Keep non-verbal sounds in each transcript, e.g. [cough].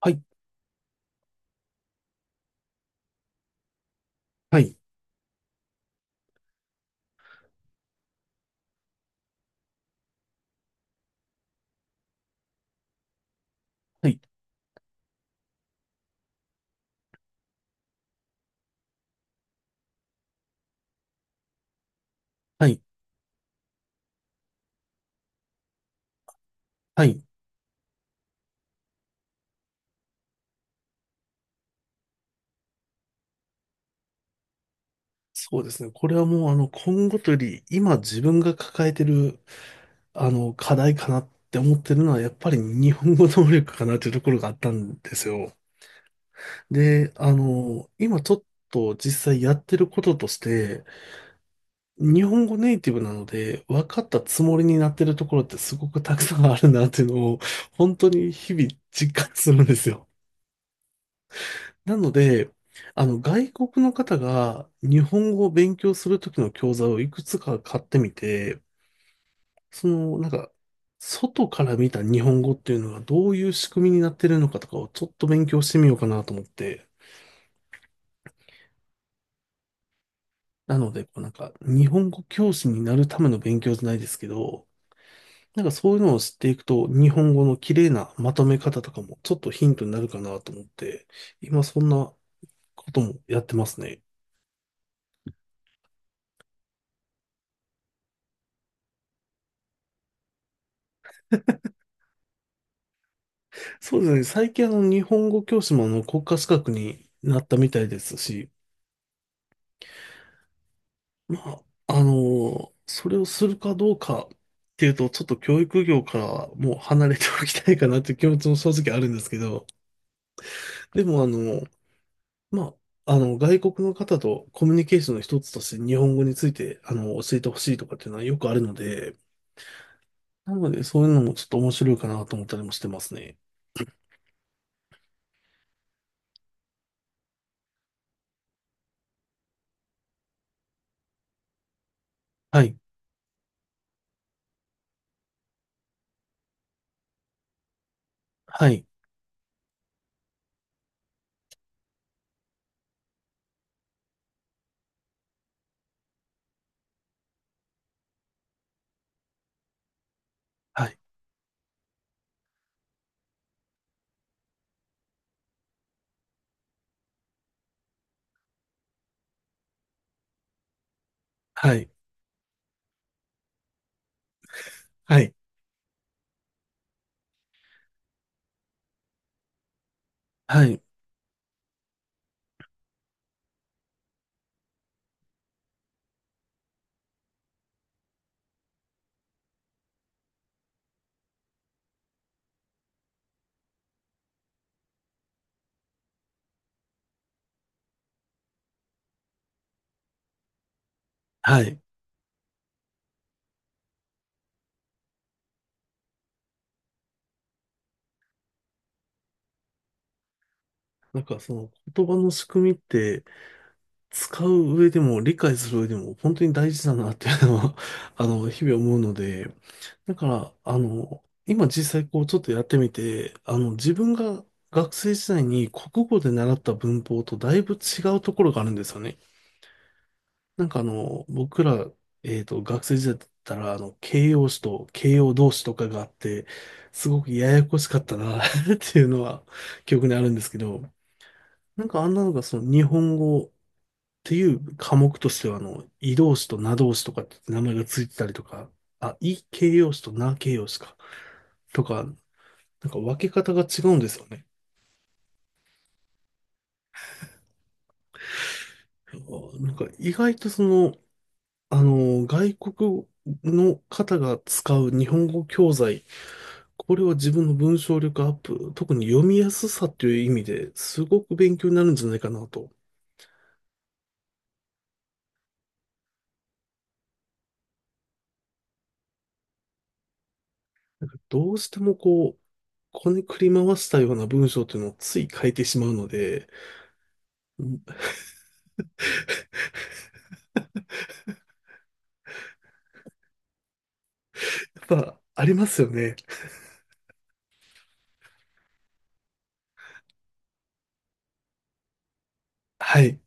はい、はい、はい、はい、はい。そうですね。これはもう、今後というより、今自分が抱えてる、課題かなって思ってるのは、やっぱり日本語能力かなというところがあったんですよ。で、今ちょっと実際やってることとして、日本語ネイティブなので、分かったつもりになってるところってすごくたくさんあるなっていうのを、本当に日々実感するんですよ。なので、外国の方が日本語を勉強するときの教材をいくつか買ってみて、その、外から見た日本語っていうのがどういう仕組みになってるのかとかをちょっと勉強してみようかなと思って。なので、こうなんか、日本語教師になるための勉強じゃないですけど、なんかそういうのを知っていくと、日本語の綺麗なまとめ方とかもちょっとヒントになるかなと思って、今そんなこともやってますね。そうですね。最近あの、日本語教師もあの、国家資格になったみたいですし、まあ、それをするかどうかっていうと、ちょっと教育業からはもう離れておきたいかなっていう気持ちも正直あるんですけど、でもあの、まあ、外国の方とコミュニケーションの一つとして日本語について、教えてほしいとかっていうのはよくあるので、なのでそういうのもちょっと面白いかなと思ったりもしてますね。はい。はい。はい。はい。はい。はい。はい。なんかその言葉の仕組みって使う上でも理解する上でも本当に大事だなっていうのは [laughs] あの、日々思うので、だから、今実際こうちょっとやってみて、自分が学生時代に国語で習った文法とだいぶ違うところがあるんですよね。なんかあの、僕ら、学生時代だったら、形容詞と形容動詞とかがあって、すごくややこしかったな [laughs] っていうのは記憶にあるんですけど、なんかあんなのがその日本語っていう科目としてはあの、移動詞と名動詞とかって名前がついてたりとか、あ、い形容詞とな形容詞か、とか、なんか分け方が違うんですよね。あ、なんか意外とその、外国の方が使う日本語教材、これは自分の文章力アップ、特に読みやすさっていう意味ですごく勉強になるんじゃないかなと。どうしてもこう、こねくり回したような文章っていうのをつい書いてしまうので、うん、やっぱありますよね。はい。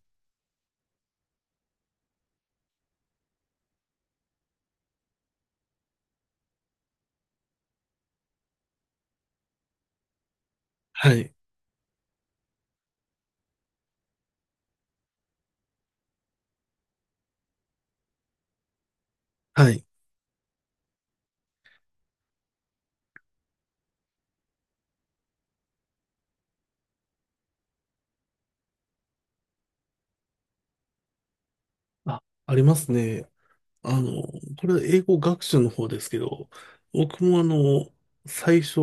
はい。はい。あ、ありますね。あの、これは英語学習の方ですけど、僕もあの、最初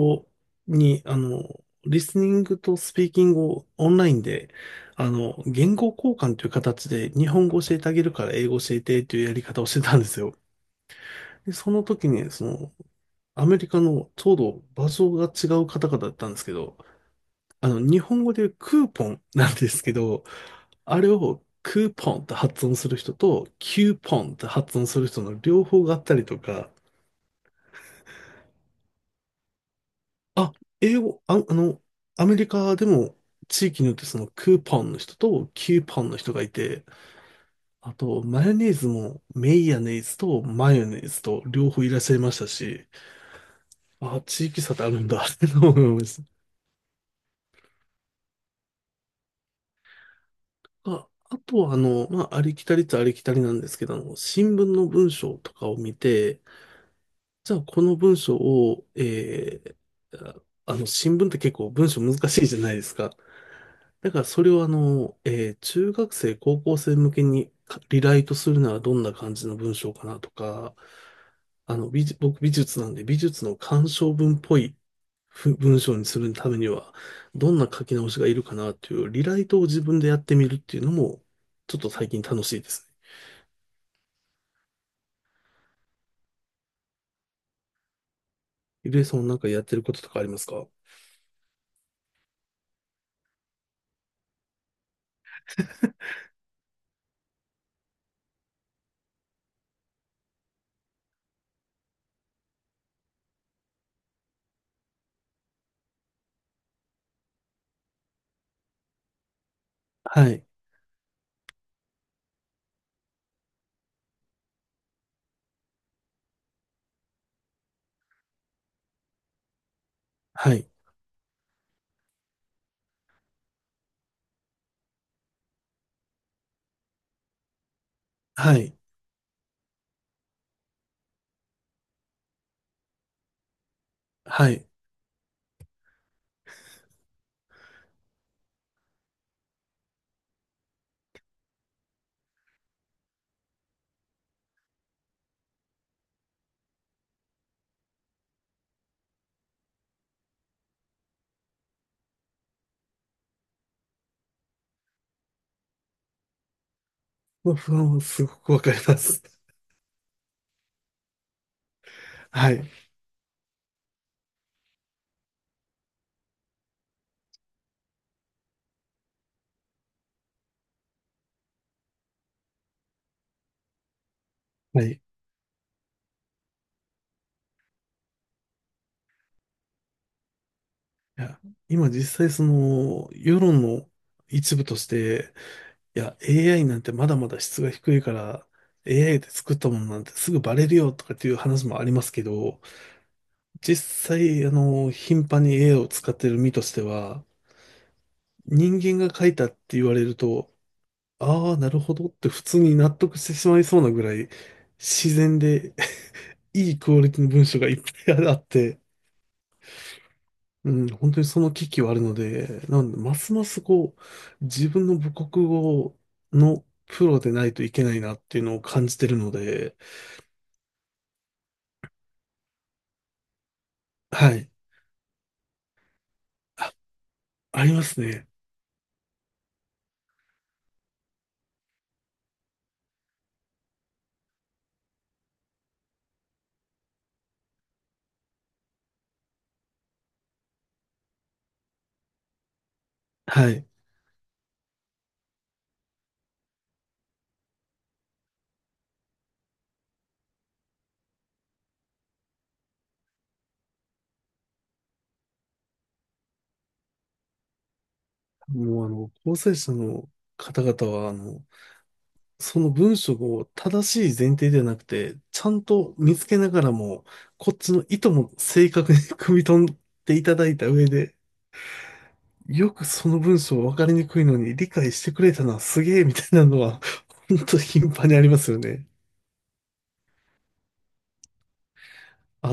に、あの、リスニングとスピーキングをオンラインで、言語交換という形で日本語教えてあげるから英語教えてというやり方をしてたんですよ。で、その時に、その、アメリカのちょうど場所が違う方々だったんですけど、日本語でクーポンなんですけど、あれをクーポンって発音する人と、キューポンって発音する人の両方があったりとか、あ、英語、あ、あの、アメリカでも地域によってそのクーポンの人とキューポンの人がいて、あと、マヨネーズもメイヤネーズとマヨネーズと両方いらっしゃいましたし、あ、地域差ってあるんだって思いました。あ、あとは、まあ、ありきたりっちゃありきたりなんですけど、新聞の文章とかを見て、じゃあこの文章を、新聞って結構文章難しいじゃないですか。だからそれをあの、中学生、高校生向けにかリライトするならどんな感じの文章かなとか、僕美術なんで美術の鑑賞文っぽい文章にするためには、どんな書き直しがいるかなっていうリライトを自分でやってみるっていうのも、ちょっと最近楽しいですね。ゆりえさんはなんかやってることとかありますか？はい、はい、はい、はい。まあ不安はすごくわかります。[laughs] はい、はい。いや、今実際その世論の一部として、いや、AI なんてまだまだ質が低いから、AI で作ったものなんてすぐバレるよとかっていう話もありますけど、実際、頻繁に AI を使ってる身としては、人間が書いたって言われると、ああ、なるほどって普通に納得してしまいそうなぐらい、自然で [laughs] いいクオリティの文章がいっぱいあって、うん、本当にその危機はあるので、なんで、ますますこう、自分の母国語のプロでないといけないなっていうのを感じてるので、はい。あ、ありますね。はい。もうあの、構成者の方々は、その文章を正しい前提ではなくて、ちゃんと見つけながらも、こっちの意図も正確に [laughs] 汲み取っていただいた上で、よくその文章分かりにくいのに理解してくれたな、すげえみたいなのは、本当に頻繁にありますよね。あ